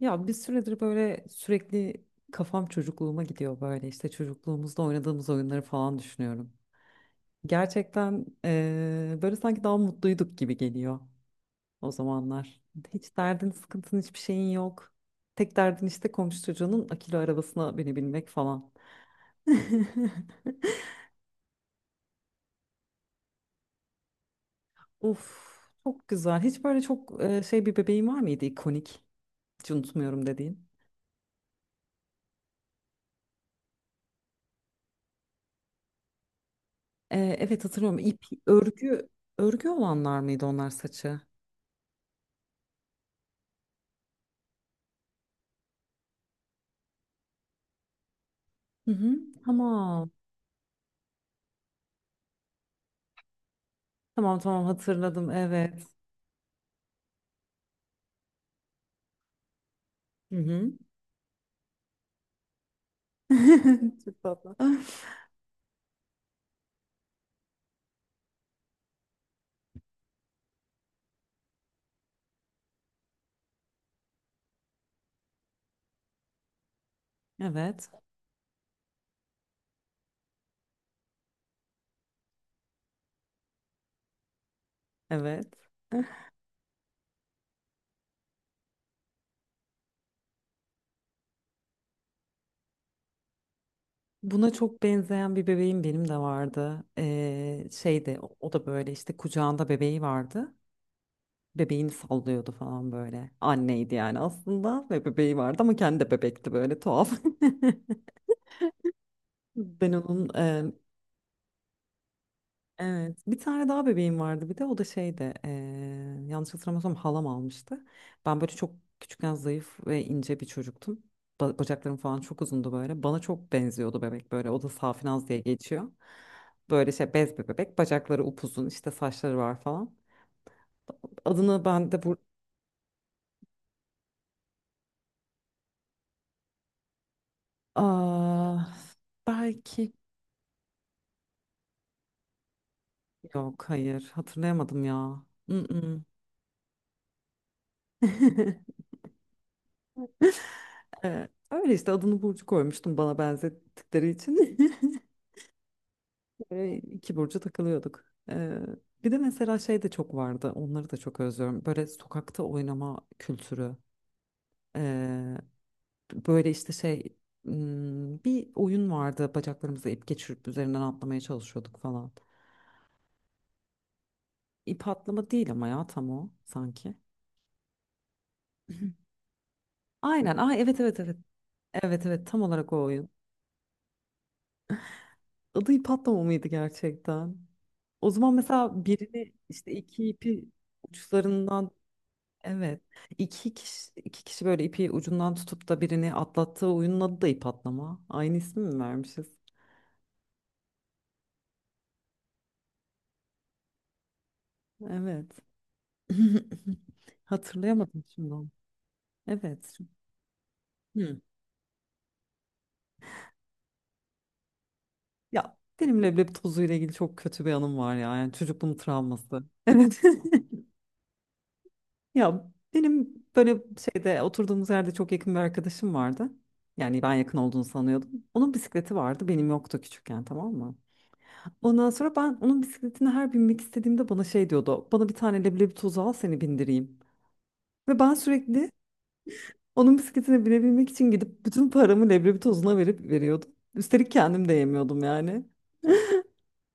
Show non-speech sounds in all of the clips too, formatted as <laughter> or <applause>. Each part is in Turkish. Ya bir süredir böyle sürekli kafam çocukluğuma gidiyor, böyle işte çocukluğumuzda oynadığımız oyunları falan düşünüyorum. Gerçekten böyle sanki daha mutluyduk gibi geliyor o zamanlar. Hiç derdin, sıkıntın, hiçbir şeyin yok. Tek derdin işte komşu çocuğunun akülü arabasına binebilmek falan. <laughs> Of, çok güzel. Hiç böyle çok şey, bir bebeğin var mıydı ikonik? Hiç unutmuyorum dediğin. Evet, hatırlıyorum. İp, örgü, örgü olanlar mıydı onlar saçı? Hı hı. Tamam. Tamam, tamam, hatırladım. Evet. Hı hı. <laughs> Çok tatlı. Evet. Evet. Buna çok benzeyen bir bebeğim benim de vardı. Şeydi, o da böyle işte kucağında bebeği vardı. Bebeğini sallıyordu falan böyle. Anneydi yani aslında ve bebeği vardı, ama kendi de bebekti, böyle tuhaf. <laughs> Ben onun. Evet. Bir tane daha bebeğim vardı, bir de o da şeydi, yanlış hatırlamıyorsam halam almıştı. Ben böyle çok küçükken zayıf ve ince bir çocuktum. Bacaklarım falan çok uzundu böyle. Bana çok benziyordu bebek böyle. O da Safinaz diye geçiyor. Böyle şey, bez bir bebek. Bacakları upuzun işte, saçları var falan. Adını ben de bu... Aa, belki. Yok, hayır, hatırlayamadım ya. Mm-mm. <laughs> Evet, öyle işte adını Burcu koymuştum bana benzettikleri için. <laughs> Böyle iki burcu takılıyorduk. Ee, Bir de mesela şey de çok vardı. Onları da çok özlüyorum. Böyle sokakta oynama kültürü. Ee, Böyle işte şey, bir oyun vardı. Bacaklarımıza ip geçirip üzerinden atlamaya çalışıyorduk falan. İp atlama değil ama ya, tam o sanki. <laughs> Aynen. Aa, evet, evet, evet. Evet, evet, tam olarak o oyun. Adı ip atlama mıydı gerçekten? O zaman mesela birini işte iki ipi uçlarından. Evet. İki kişi, iki kişi böyle ipi ucundan tutup da birini atlattığı oyunun adı da ip atlama. Aynı ismi mi vermişiz? Evet. <laughs> Hatırlayamadım şimdi onu. Evet. Hı. Ya benim leblebi tozuyla ilgili çok kötü bir anım var ya. Yani çocukluğum travması. Evet. <laughs> Ya benim böyle şeyde oturduğumuz yerde çok yakın bir arkadaşım vardı. Yani ben yakın olduğunu sanıyordum. Onun bisikleti vardı, benim yoktu küçükken, tamam mı? Ondan sonra ben onun bisikletine her binmek istediğimde bana şey diyordu: bana bir tane leblebi tozu al, seni bindireyim. Ve ben sürekli onun bisikletine binebilmek için gidip bütün paramı leblebi tozuna verip veriyordum. Üstelik kendim de yemiyordum yani.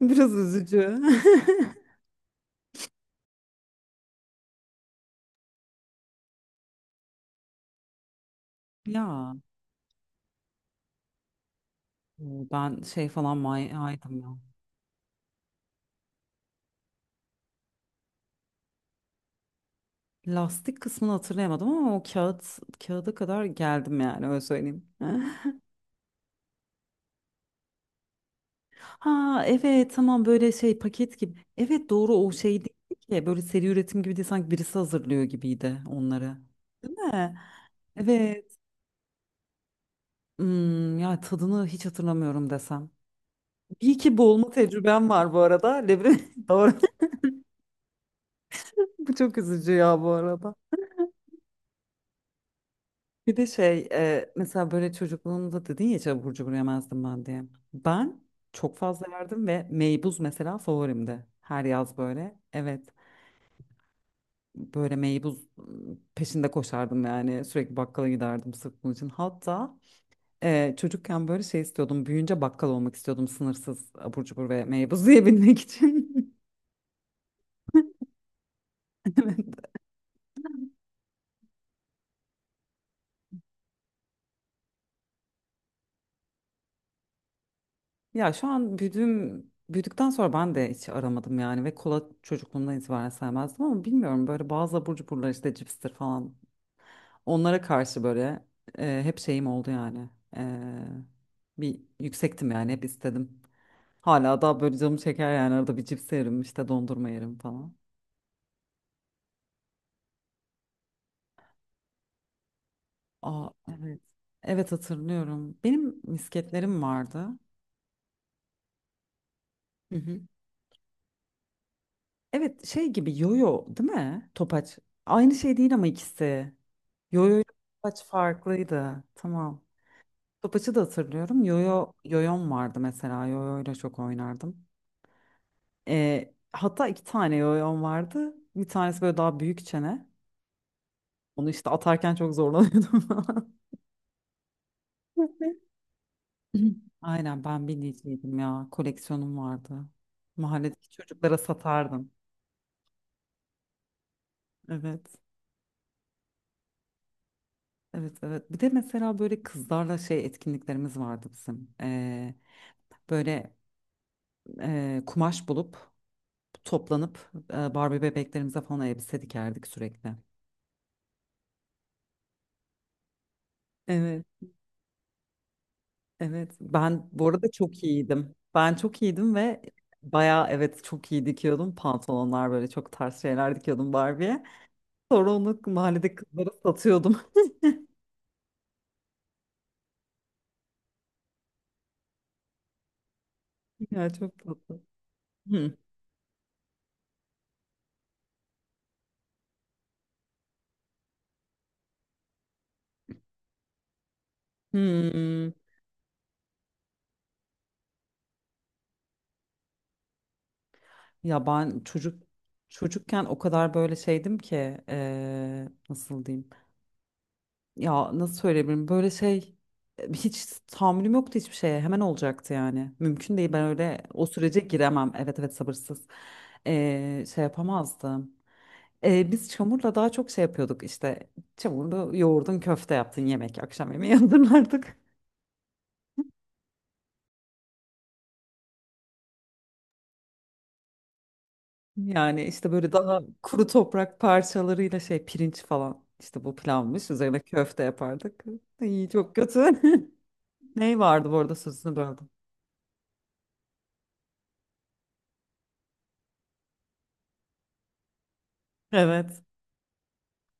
Biraz üzücü. <laughs> Ya o, ben şey falan manyağıydım ya. Lastik kısmını hatırlayamadım ama o kağıt, kağıda kadar geldim yani, öyle söyleyeyim. <laughs> Ha, evet, tamam, böyle şey paket gibi. Evet, doğru, o şey değildi ki, böyle seri üretim gibi değil, sanki birisi hazırlıyor gibiydi onları. Değil mi? Evet. Ya tadını hiç hatırlamıyorum desem. İyi ki boğulma tecrübem var bu arada. Leblebi. <laughs> Doğru. <laughs> Bu çok üzücü ya bu arada. Bir de şey, mesela, böyle çocukluğunda dedin ya, hiç abur cubur yemezdim ben diye. Ben çok fazla yerdim ve meybuz mesela favorimdi. Her yaz böyle. Evet. Böyle meybuz peşinde koşardım yani, sürekli bakkala giderdim sırf bunun için. Hatta çocukken böyle şey istiyordum, büyüyünce bakkal olmak istiyordum sınırsız abur cubur ve meybuz yiyebilmek için. <laughs> Evet. Ya şu an büyüdükten sonra ben de hiç aramadım yani, ve kola çocukluğumdan itibaren sevmezdim, ama bilmiyorum böyle bazı abur cuburlar işte cipstir falan, onlara karşı böyle hep şeyim oldu yani. E, Bir yüksektim yani, hep istedim. Hala daha böyle canım çeker yani, arada bir cips yerim işte, dondurma yerim falan. Aa, evet. Evet, hatırlıyorum. Benim misketlerim vardı. Hı hı. Evet, şey gibi, yoyo değil mi? Topaç. Aynı şey değil ama ikisi. Yoyo ile topaç farklıydı. Tamam. Topaçı da hatırlıyorum. Yoyom vardı mesela. Yoyo ile çok oynardım. Hatta iki tane yoyom vardı. Bir tanesi böyle daha büyük çene. Onu işte atarken çok zorlanıyordum. <laughs> Falan. <laughs> <clears throat> Aynen, ben binniciydim ya. Koleksiyonum vardı. Mahalledeki çocuklara satardım. Evet. Evet, evet. Bir de mesela böyle kızlarla şey etkinliklerimiz vardı bizim. Böyle, kumaş bulup toplanıp, Barbie bebeklerimize falan elbise dikerdik sürekli. Evet, evet. Ben bu arada çok iyiydim. Ben çok iyiydim ve bayağı, evet, çok iyi dikiyordum. Pantolonlar böyle, çok tarz şeyler dikiyordum Barbie'ye. Sonra onu mahalledeki kızlara satıyordum. <laughs> Ya, çok tatlı. Hı. Hmm. Ya ben çocukken o kadar böyle şeydim ki, nasıl diyeyim? Ya nasıl söyleyebilirim? Böyle şey, hiç tahammülüm yoktu hiçbir şeye. Hemen olacaktı yani. Mümkün değil. Ben öyle o sürece giremem. Evet, evet, sabırsız. Şey yapamazdım. Biz çamurla daha çok şey yapıyorduk işte. Çamurlu yoğurdun köfte yaptın yemek. Akşam yemeği <laughs> hazırlardık. Yani işte böyle daha kuru toprak parçalarıyla şey pirinç falan işte bu pilavmış, üzerine köfte yapardık. İyi, çok kötü. <laughs> Ney vardı bu arada, sözünü böldüm. Evet.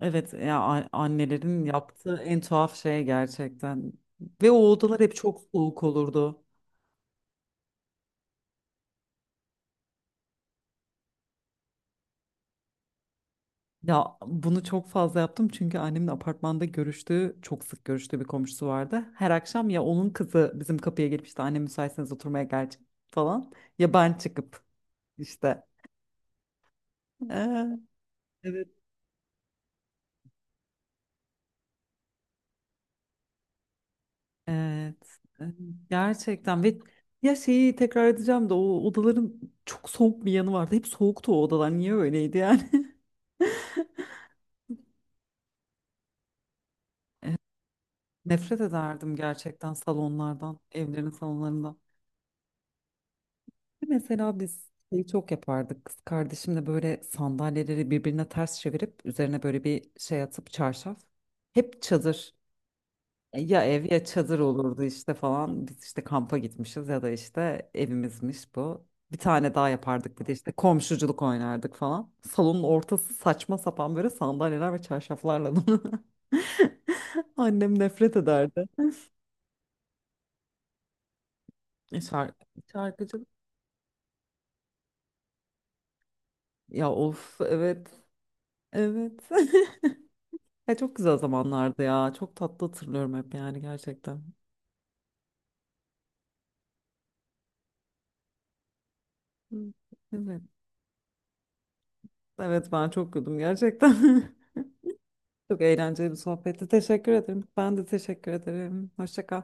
Evet ya, annelerin yaptığı en tuhaf şey gerçekten. Ve o odalar hep çok soğuk olurdu. Ya bunu çok fazla yaptım çünkü annemin apartmanda görüştüğü, çok sık görüştüğü bir komşusu vardı. Her akşam ya onun kızı bizim kapıya gelip işte, anne müsaitseniz oturmaya gelecek falan, ya ben çıkıp işte. Evet. Evet. e, Gerçekten, ve ya, şeyi tekrar edeceğim de, o odaların çok soğuk bir yanı vardı. Hep soğuktu o odalar. Niye öyleydi yani? <laughs> Nefret ederdim gerçekten salonlardan, evlerin salonlarından. Mesela biz şeyi çok yapardık. Kız kardeşimle böyle sandalyeleri birbirine ters çevirip üzerine böyle bir şey atıp, çarşaf. Hep çadır. Ya ev ya çadır olurdu işte falan. Biz işte kampa gitmişiz ya da işte evimizmiş bu. Bir tane daha yapardık, bir de işte komşuculuk oynardık falan. Salonun ortası saçma sapan böyle sandalyeler ve çarşaflarla dolu. <laughs> Annem nefret ederdi. E, Şar şarkıcı. Ya of, evet. Evet. <laughs> Ya çok güzel zamanlardı ya. Çok tatlı hatırlıyorum hep yani, gerçekten. Hı. Evet. Evet, ben çok güldüm gerçekten. <laughs> Çok eğlenceli bir sohbetti. Teşekkür ederim. Ben de teşekkür ederim. Hoşça kal.